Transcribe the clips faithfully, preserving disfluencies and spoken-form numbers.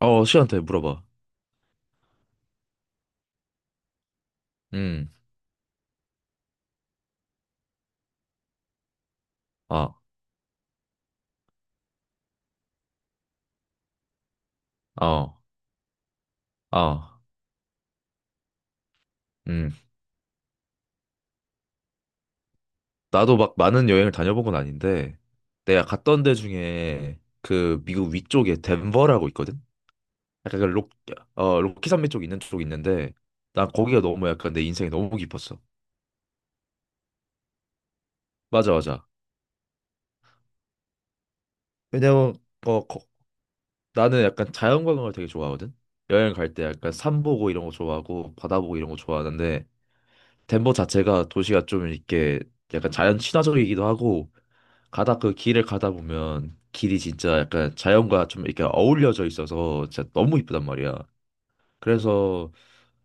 어, 씨한테 물어봐. 음, 아, 아, 아, 음, 나도 막 많은 여행을 다녀본 건 아닌데, 내가 갔던 데 중에 그 미국 위쪽에 덴버라고 있거든? 약간 그 록, 어, 로키 산맥 쪽 있는 쪽이 있는데, 난 거기가 너무 약간 내 인생에 너무 깊었어. 맞아, 맞아. 왜냐면, 어, 거- 나는 약간 자연관광을 되게 좋아하거든? 여행 갈 때 약간 산 보고 이런 거 좋아하고, 바다 보고 이런 거 좋아하는데, 덴버 자체가 도시가 좀 이렇게 약간 자연 친화적이기도 하고, 가다 그 길을 가다 보면 길이 진짜 약간 자연과 좀 이렇게 어울려져 있어서 진짜 너무 이쁘단 말이야. 그래서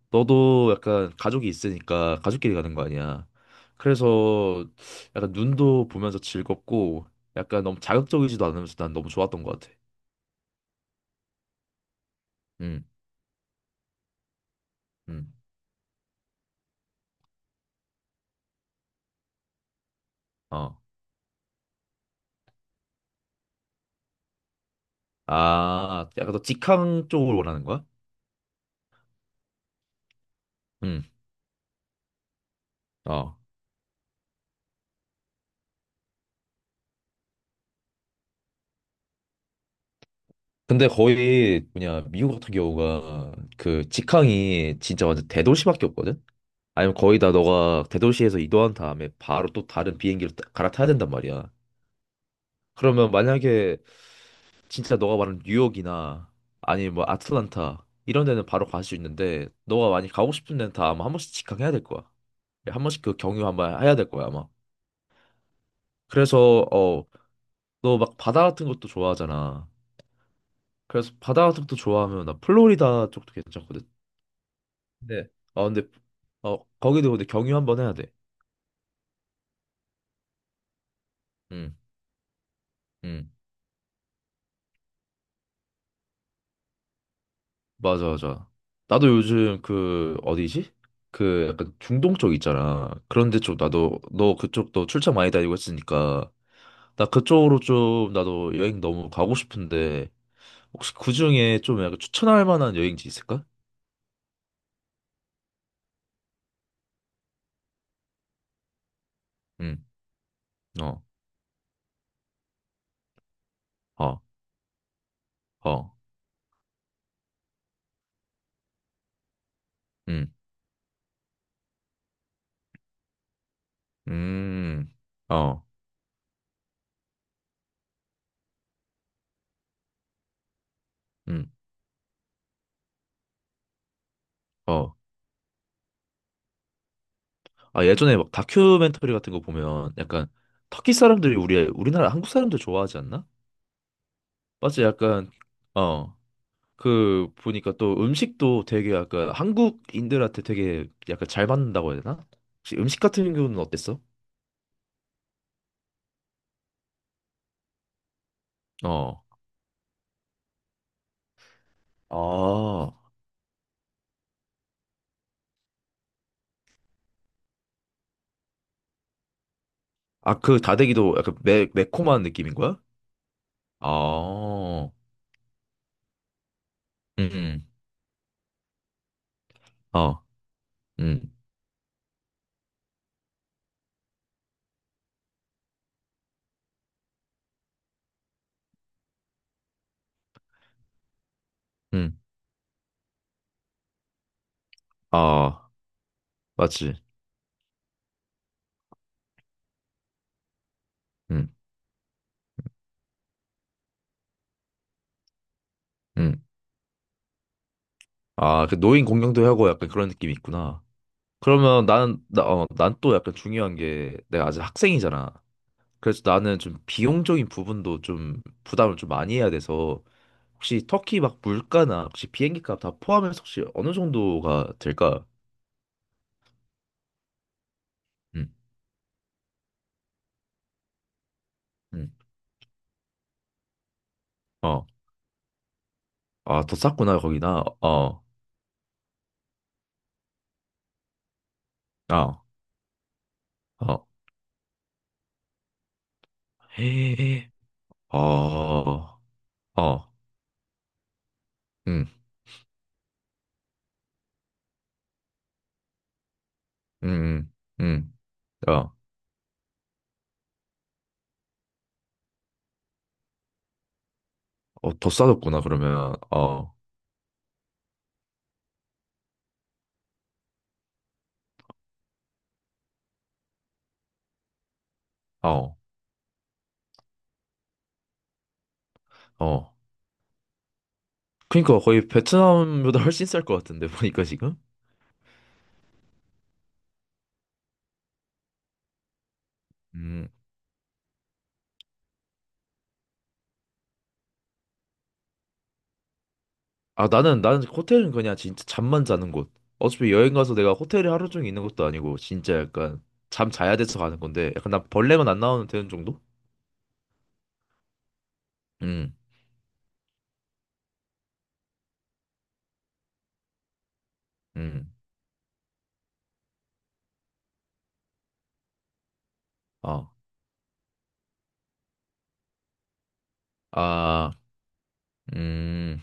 너도 약간 가족이 있으니까 가족끼리 가는 거 아니야. 그래서 약간 눈도 보면서 즐겁고 약간 너무 자극적이지도 않으면서 난 너무 좋았던 것 같아. 응, 응, 어. 아, 약간 너 직항 쪽을 원하는 거야? 응, 어. 근데 거의 뭐냐 미국 같은 경우가 그 직항이 진짜 완전 대도시밖에 없거든. 아니면 거의 다 너가 대도시에서 이동한 다음에 바로 또 다른 비행기로 따- 갈아타야 된단 말이야. 그러면 만약에 진짜 너가 말하는 뉴욕이나 아니면 뭐 아틀란타 이런 데는 바로 갈 수 있는데 너가 많이 가고 싶은 데는 다 아마 한 번씩 직항해야 될 거야. 예, 한 번씩 그 경유 한번 해야 될 거야 아마. 그래서 어 너 막 바다 같은 것도 좋아하잖아. 그래서 바다 같은 것도 좋아하면 나 플로리다 쪽도 괜찮거든. 네. 어 근데 어 거기도 근데 경유 한번 해야 돼. 응. 응. 맞아, 맞아. 나도 요즘 그 어디지? 그 약간 중동 쪽 있잖아. 그런데 좀 나도 너 그쪽도 출장 많이 다니고 했으니까 나 그쪽으로 좀 나도 여행 너무 가고 싶은데 혹시 그 중에 좀 약간 추천할 만한 여행지 있을까? 응, 어, 어, 어, 응, 음, 어, 응 어. 아 예전에 막 다큐멘터리 같은 거 보면 약간 터키 사람들이 우리 우리나라 한국 사람들 좋아하지 않나? 맞지? 약간 어. 그 보니까 또 음식도 되게 약간 한국인들한테 되게 약간 잘 맞는다고 해야 되나? 혹시 음식 같은 경우는 어땠어? 어. 아. 아, 그 다대기도 약간 매, 매콤한 느낌인 거야? 아. 음. 음. 어. 음. 음. 아, 맞지. 음. 음. 아, 그 노인 공경도 하고 약간 그런 느낌이 있구나. 그러면 나는 나, 어, 난 또 약간 중요한 게 내가 아직 학생이잖아. 그래서 나는 좀 비용적인 부분도 좀 부담을 좀 많이 해야 돼서 혹시 터키 막 물가나 혹시 비행기 값 다 포함해서 혹시 어느 정도가 될까? 음, 음, 어, 아, 더 쌌구나, 거기나. 어, 아, 어, 헤헤, 어, 어, 음, 음, 음, 음, 어, 어, 더 싸졌구나, 그러면. 어, 어, 어. 그러니까 거의 베트남보다 훨씬 쌀 것 같은데, 보니까 지금? 음, 아 나는 나는 호텔은 그냥 진짜 잠만 자는 곳. 어차피 여행 가서 내가 호텔에 하루 종일 있는 것도 아니고 진짜 약간 잠 자야 돼서 가는 건데 약간 나 벌레만 안 나오면 되는 정도? 음, 음, 아, 아, 음,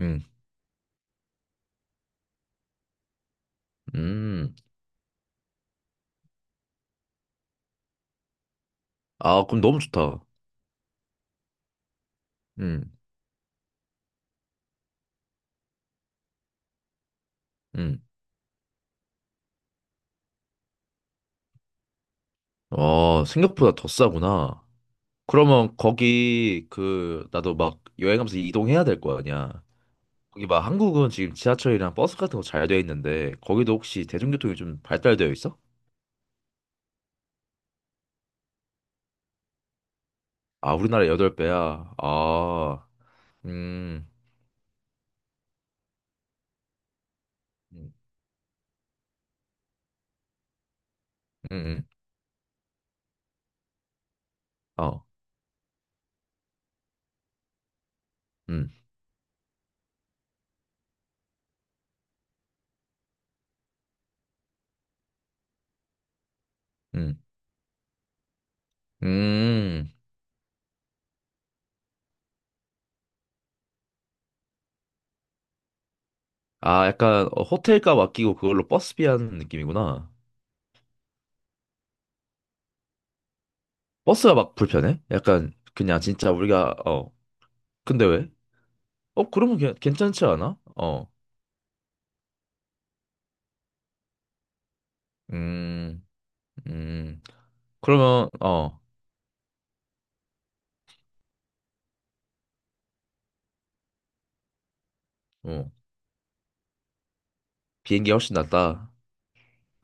음, 음. 아 그럼 너무 좋다. 음, 음. 어 생각보다 더 싸구나. 그러면 거기 그 나도 막 여행하면서 이동해야 될 거 아니야. 거기 막 한국은 지금 지하철이랑 버스 같은 거 잘 돼 있는데 거기도 혹시 대중교통이 좀 발달되어 있어? 아, 우리나라 여덟배야 아, 음, 음, 음, 음. 어, 음, 음, 음. 아, 약간 어, 호텔값 아끼고 그걸로 버스비 하는 느낌이구나. 버스가 막 불편해? 약간 그냥 진짜 우리가, 어, 근데 왜? 어, 그러면 괜- 괜찮지 않아? 어, 음, 음. 그러면, 어, 어, 비행기 훨씬 낫다.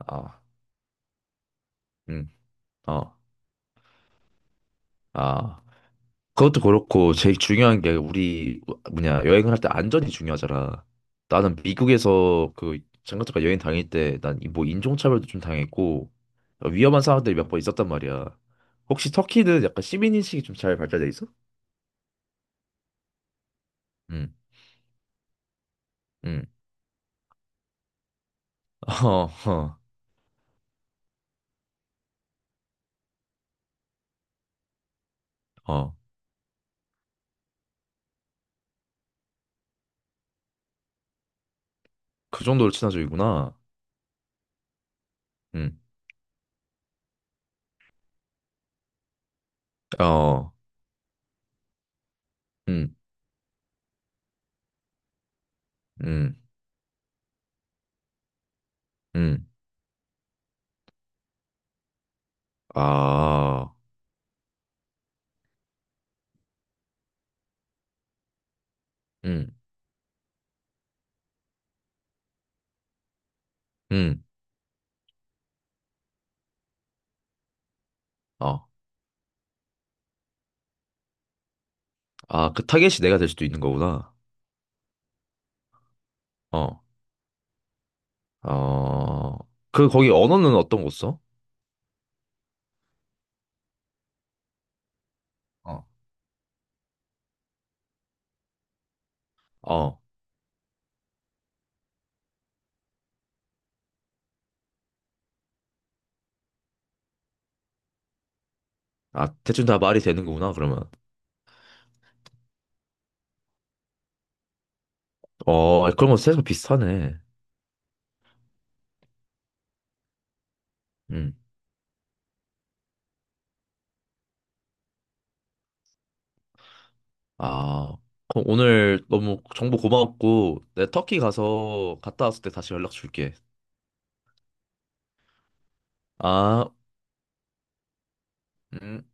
아, 음, 어, 아. 그것도 그렇고 제일 중요한 게 우리 뭐냐 여행을 할 때 안전이 중요하잖아. 나는 미국에서 그 잠깐 잠깐 여행 다닐 때 난 뭐 인종차별도 좀 당했고 위험한 상황들이 몇 번 있었단 말이야. 혹시 터키는 약간 시민인식이 좀 잘 발달돼 있어? 응, 응. 어, 어, 어. 그 정도로 친화적이구나. 응, 어, 응, 응, 응. 아, 응, 응. 어. 아, 그 타겟이 내가 될 수도 있는 거구나. 어. 어, 그, 거기 언어는 어떤 거 써? 어, 어, 아, 대충 다 말이 되는구나, 그러면. 어, 그런 거 세서 비슷하네. 음. 아, 그럼 오늘 너무 정보 고마웠고, 내 터키 가서 갔다 왔을 때 다시 연락 줄게. 아, 음.